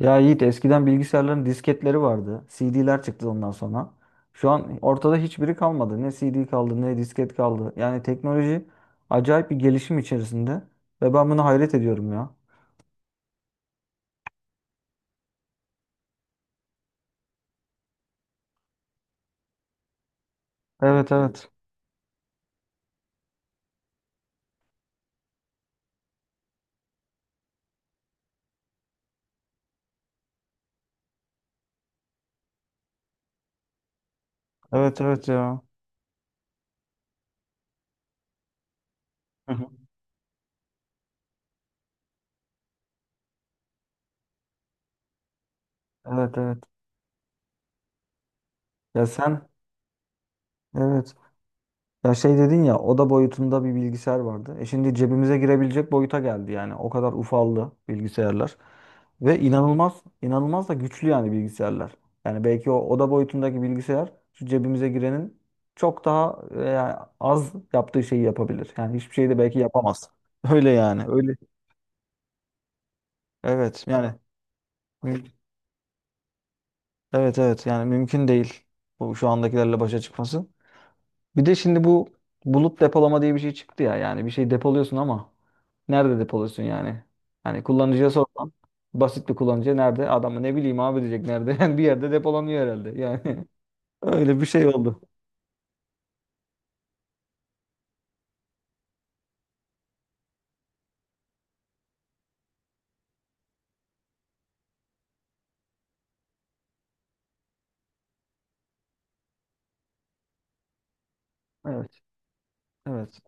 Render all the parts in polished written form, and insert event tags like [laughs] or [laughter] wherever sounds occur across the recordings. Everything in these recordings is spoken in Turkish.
Ya Yiğit eskiden bilgisayarların disketleri vardı. CD'ler çıktı ondan sonra. Şu an ortada hiçbiri kalmadı. Ne CD kaldı ne disket kaldı. Yani teknoloji acayip bir gelişim içerisinde ve ben buna hayret ediyorum ya. Evet evet. Evet evet ya. Hı hı. Evet evet. Ya sen evet. Ya şey dedin ya oda boyutunda bir bilgisayar vardı. E şimdi cebimize girebilecek boyuta geldi yani. O kadar ufaldı bilgisayarlar. Ve inanılmaz, inanılmaz da güçlü yani bilgisayarlar. Yani belki o oda boyutundaki bilgisayar şu cebimize girenin çok daha yani az yaptığı şeyi yapabilir. Yani hiçbir şeyi de belki yapamaz. Öyle yani. Öyle. Evet yani. müm- Evet evet yani mümkün değil. Bu şu andakilerle başa çıkması. Bir de şimdi bu bulut depolama diye bir şey çıktı ya. Yani bir şey depoluyorsun ama nerede depoluyorsun yani? Hani kullanıcıya sorsan basit bir kullanıcı nerede? Adamı ne bileyim abi diyecek nerede? [laughs] Yani bir yerde depolanıyor herhalde. Yani [laughs] öyle bir şey oldu. Evet. Evet.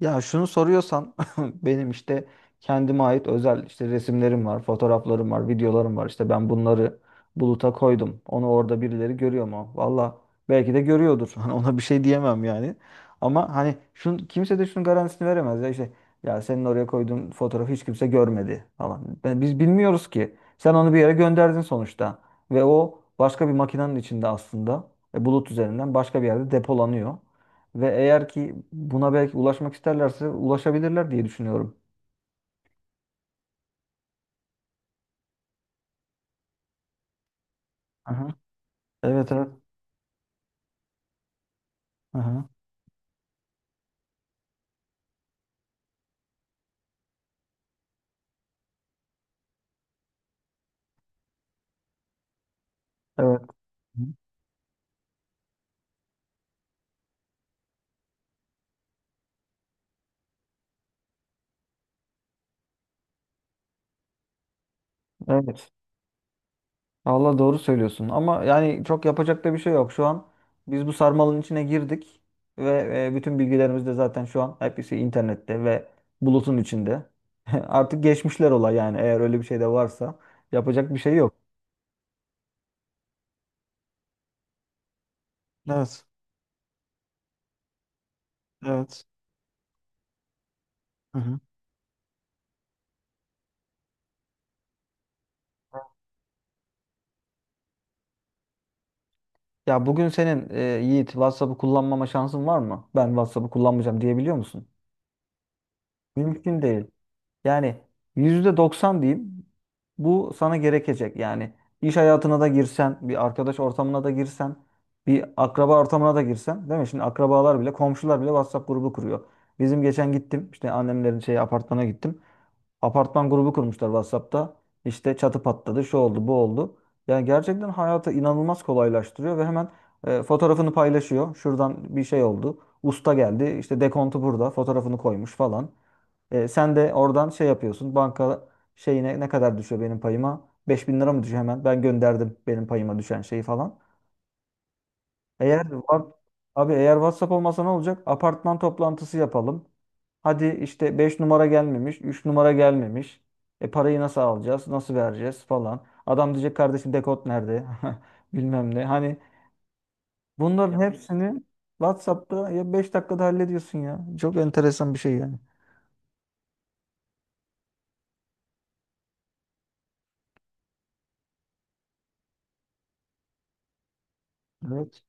Ya şunu soruyorsan [laughs] benim işte kendime ait özel işte resimlerim var, fotoğraflarım var, videolarım var. İşte ben bunları buluta koydum. Onu orada birileri görüyor mu? Valla belki de görüyordur. [laughs] Hani ona bir şey diyemem yani. Ama hani şun, kimse de şunun garantisini veremez ya işte ya senin oraya koyduğun fotoğrafı hiç kimse görmedi falan. Ben- biz bilmiyoruz ki. Sen onu bir yere gönderdin sonuçta ve o başka bir makinenin içinde aslında bulut üzerinden başka bir yerde depolanıyor. Ve eğer ki buna belki ulaşmak isterlerse ulaşabilirler diye düşünüyorum. Aha. Evet evet. Aha. Evet. Evet. Allah doğru söylüyorsun. Ama yani çok yapacak da bir şey yok. Şu an biz bu sarmalın içine girdik ve bütün bilgilerimiz de zaten şu an hepsi internette ve bulutun içinde. [laughs] Artık geçmişler olay yani eğer öyle bir şey de varsa yapacak bir şey yok. Evet. Evet. Aha. Ya bugün senin Yiğit WhatsApp'ı kullanmama şansın var mı? Ben WhatsApp'ı kullanmayacağım diyebiliyor musun? Mümkün değil. Yani %90 diyeyim bu sana gerekecek. Yani iş hayatına da girsen, bir arkadaş ortamına da girsen, bir akraba ortamına da girsen, değil mi? Şimdi akrabalar bile, komşular bile WhatsApp grubu kuruyor. Bizim geçen gittim, işte annemlerin şey apartmana gittim. Apartman grubu kurmuşlar WhatsApp'ta. İşte çatı patladı, şu oldu, bu oldu. Yani gerçekten hayatı inanılmaz kolaylaştırıyor ve hemen fotoğrafını paylaşıyor. Şuradan bir şey oldu. Usta geldi, işte dekontu burada, fotoğrafını koymuş falan. E, sen de oradan şey yapıyorsun. Banka şeyine ne kadar düşüyor benim payıma? Beş bin lira mı düşüyor hemen? Ben gönderdim benim payıma düşen şeyi falan. Eğer var, abi eğer WhatsApp olmasa ne olacak? Apartman toplantısı yapalım. Hadi işte 5 numara gelmemiş, 3 numara gelmemiş. E parayı nasıl alacağız? Nasıl vereceğiz falan. Adam diyecek kardeşim dekod nerede? [laughs] Bilmem ne. Hani bunların hepsini WhatsApp'ta ya 5 dakikada hallediyorsun ya. Çok enteresan bir şey yani. Evet.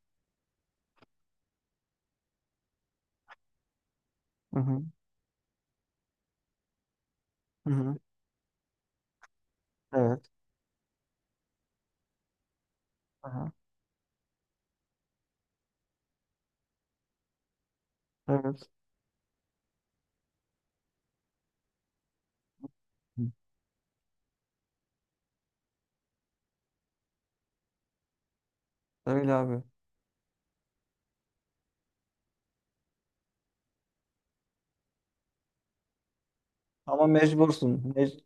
Hı hı. Hı hı. Evet. Aha. Evet. Öyle abi. Ama mecbursun. Mec-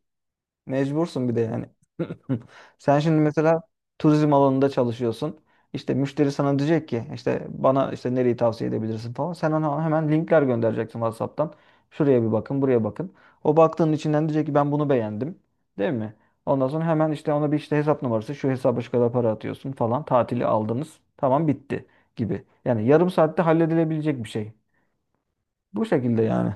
mecbursun bir de yani. [laughs] Sen şimdi mesela turizm alanında çalışıyorsun. İşte müşteri sana diyecek ki işte bana işte nereyi tavsiye edebilirsin falan. Sen ona hemen linkler göndereceksin WhatsApp'tan. Şuraya bir bakın, buraya bakın. O baktığın içinden diyecek ki ben bunu beğendim. Değil mi? Ondan sonra hemen işte ona bir işte hesap numarası, şu hesaba şu kadar para atıyorsun falan. Tatili aldınız. Tamam bitti gibi. Yani yarım saatte halledilebilecek bir şey. Bu şekilde yani.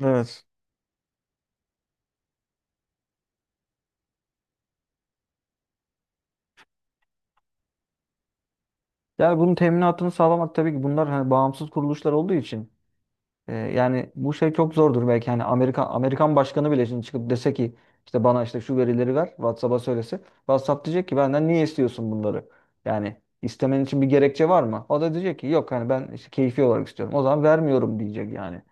Evet. Yani bunun teminatını sağlamak tabii ki bunlar hani bağımsız kuruluşlar olduğu için yani bu şey çok zordur belki hani Amerikan başkanı bile şimdi çıkıp dese ki işte bana işte şu verileri ver WhatsApp'a söylese WhatsApp diyecek ki benden niye istiyorsun bunları? Yani istemen için bir gerekçe var mı? O da diyecek ki yok hani ben işte keyfi olarak istiyorum. O zaman vermiyorum diyecek yani.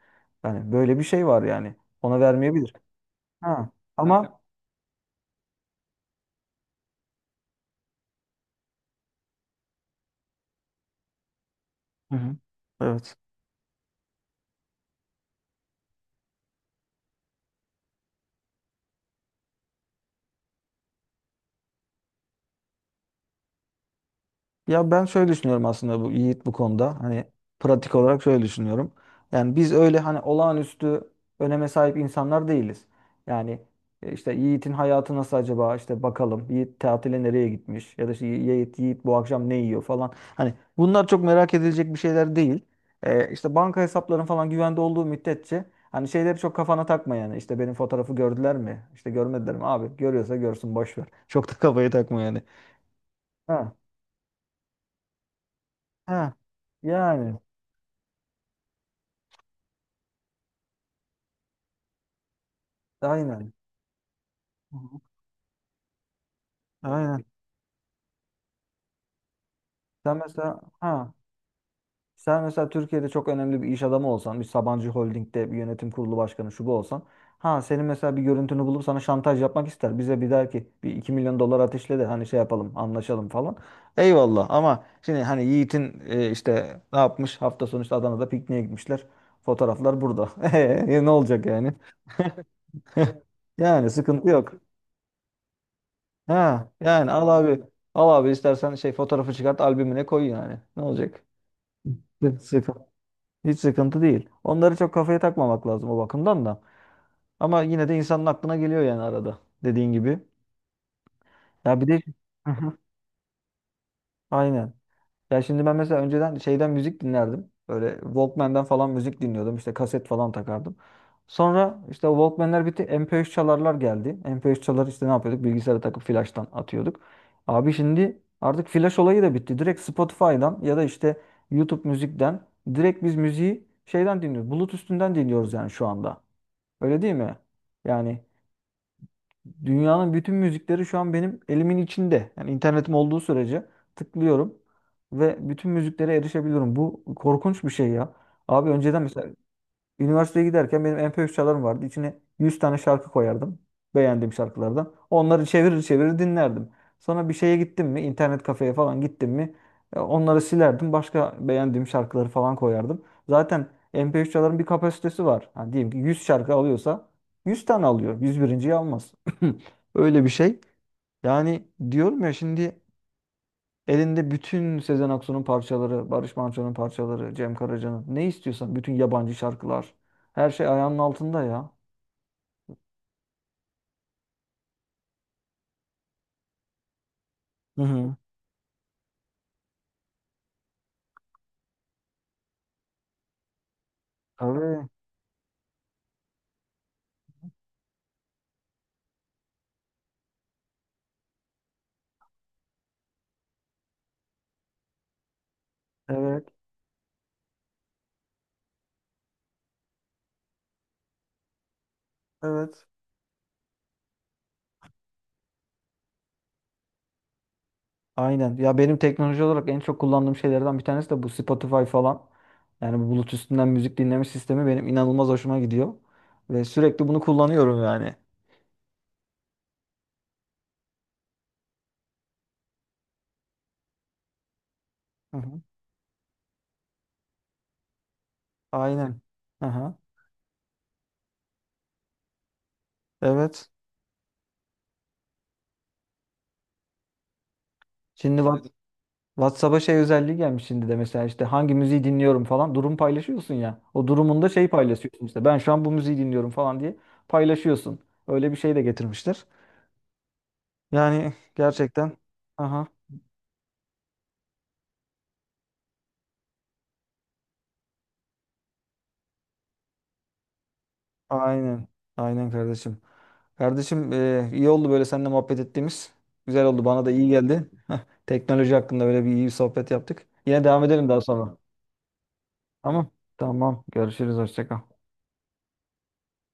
Yani böyle bir şey var yani. Ona vermeyebilir. Ha. Ama hı hı. Evet. Ya ben şöyle düşünüyorum aslında bu Yiğit bu konuda. Hani pratik olarak şöyle düşünüyorum. Yani biz öyle hani olağanüstü öneme sahip insanlar değiliz. Yani işte Yiğit'in hayatı nasıl acaba işte bakalım. Yiğit tatile nereye gitmiş ya da işte Yiğit bu akşam ne yiyor falan. Hani bunlar çok merak edilecek bir şeyler değil. E, işte banka hesapların falan güvende olduğu müddetçe hani şeyleri çok kafana takma yani. İşte benim fotoğrafı gördüler mi? İşte görmediler mi? Abi görüyorsa görsün boş ver. Çok da kafayı takma yani. Ha. Ha. Yani. Aynen. Hı hı. Aynen. Sen mesela ha sen mesela Türkiye'de çok önemli bir iş adamı olsan, bir Sabancı Holding'de bir yönetim kurulu başkanı şu bu olsan, ha senin mesela bir görüntünü bulup sana şantaj yapmak ister. Bize bir der ki bir 2 milyon dolar ateşle de hani şey yapalım, anlaşalım falan. Eyvallah ama şimdi hani Yiğit'in işte ne yapmış hafta sonu işte Adana'da pikniğe gitmişler. Fotoğraflar burada. [laughs] E, ne olacak yani? [laughs] Yani sıkıntı yok. Ha yani al abi. Al abi istersen şey fotoğrafı çıkart albümüne koy yani. Ne olacak? Hiç [laughs] sıkıntı, hiç sıkıntı değil. Onları çok kafaya takmamak lazım o bakımdan da. Ama yine de insanın aklına geliyor yani arada. Dediğin gibi. Ya bir de [laughs] hı aynen. Ya şimdi ben mesela önceden şeyden müzik dinlerdim. Böyle Walkman'den falan müzik dinliyordum. İşte kaset falan takardım. Sonra işte o Walkman'ler bitti. MP3 çalarlar geldi. MP3 çalar işte ne yapıyorduk? Bilgisayara takıp flash'tan atıyorduk. Abi şimdi artık flash olayı da bitti. Direkt Spotify'dan ya da işte YouTube müzikten direkt biz müziği şeyden dinliyoruz. Bluetooth'ünden dinliyoruz yani şu anda. Öyle değil mi? Yani dünyanın bütün müzikleri şu an benim elimin içinde. Yani internetim olduğu sürece tıklıyorum ve bütün müziklere erişebiliyorum. Bu korkunç bir şey ya. Abi önceden mesela üniversiteye giderken benim MP3 çalarım vardı. İçine 100 tane şarkı koyardım. Beğendiğim şarkılardan. Onları çevirir çevirir dinlerdim. Sonra bir şeye gittim mi, internet kafeye falan gittim mi, onları silerdim. Başka beğendiğim şarkıları falan koyardım. Zaten MP3 çaların bir kapasitesi var. Hani diyelim ki 100 şarkı alıyorsa 100 tane alıyor. 101'inciyi.yi almaz. [clears throat] Öyle bir şey. Yani diyorum ya şimdi elinde bütün Sezen Aksu'nun parçaları, Barış Manço'nun parçaları, Cem Karaca'nın ne istiyorsan bütün yabancı şarkılar. Her şey ayağının altında ya. Hı hı. Tabii. Evet. Evet. Aynen. Ya benim teknoloji olarak en çok kullandığım şeylerden bir tanesi de bu Spotify falan. Yani bu Bluetooth üstünden müzik dinleme sistemi benim inanılmaz hoşuma gidiyor. Ve sürekli bunu kullanıyorum yani. Hı hı. Aynen. Aha. Evet. Şimdi bak WhatsApp'a şey özelliği gelmiş şimdi de mesela işte hangi müziği dinliyorum falan durum paylaşıyorsun ya. O durumunda şey paylaşıyorsun işte ben şu an bu müziği dinliyorum falan diye paylaşıyorsun. Öyle bir şey de getirmişler. Yani gerçekten aha aynen aynen kardeşim. Kardeşim iyi oldu böyle seninle muhabbet ettiğimiz. Güzel oldu bana da iyi geldi. Heh, teknoloji hakkında böyle bir iyi bir sohbet yaptık. Yine devam edelim daha sonra. Tamam. Tamam. Görüşürüz. Hoşça kal.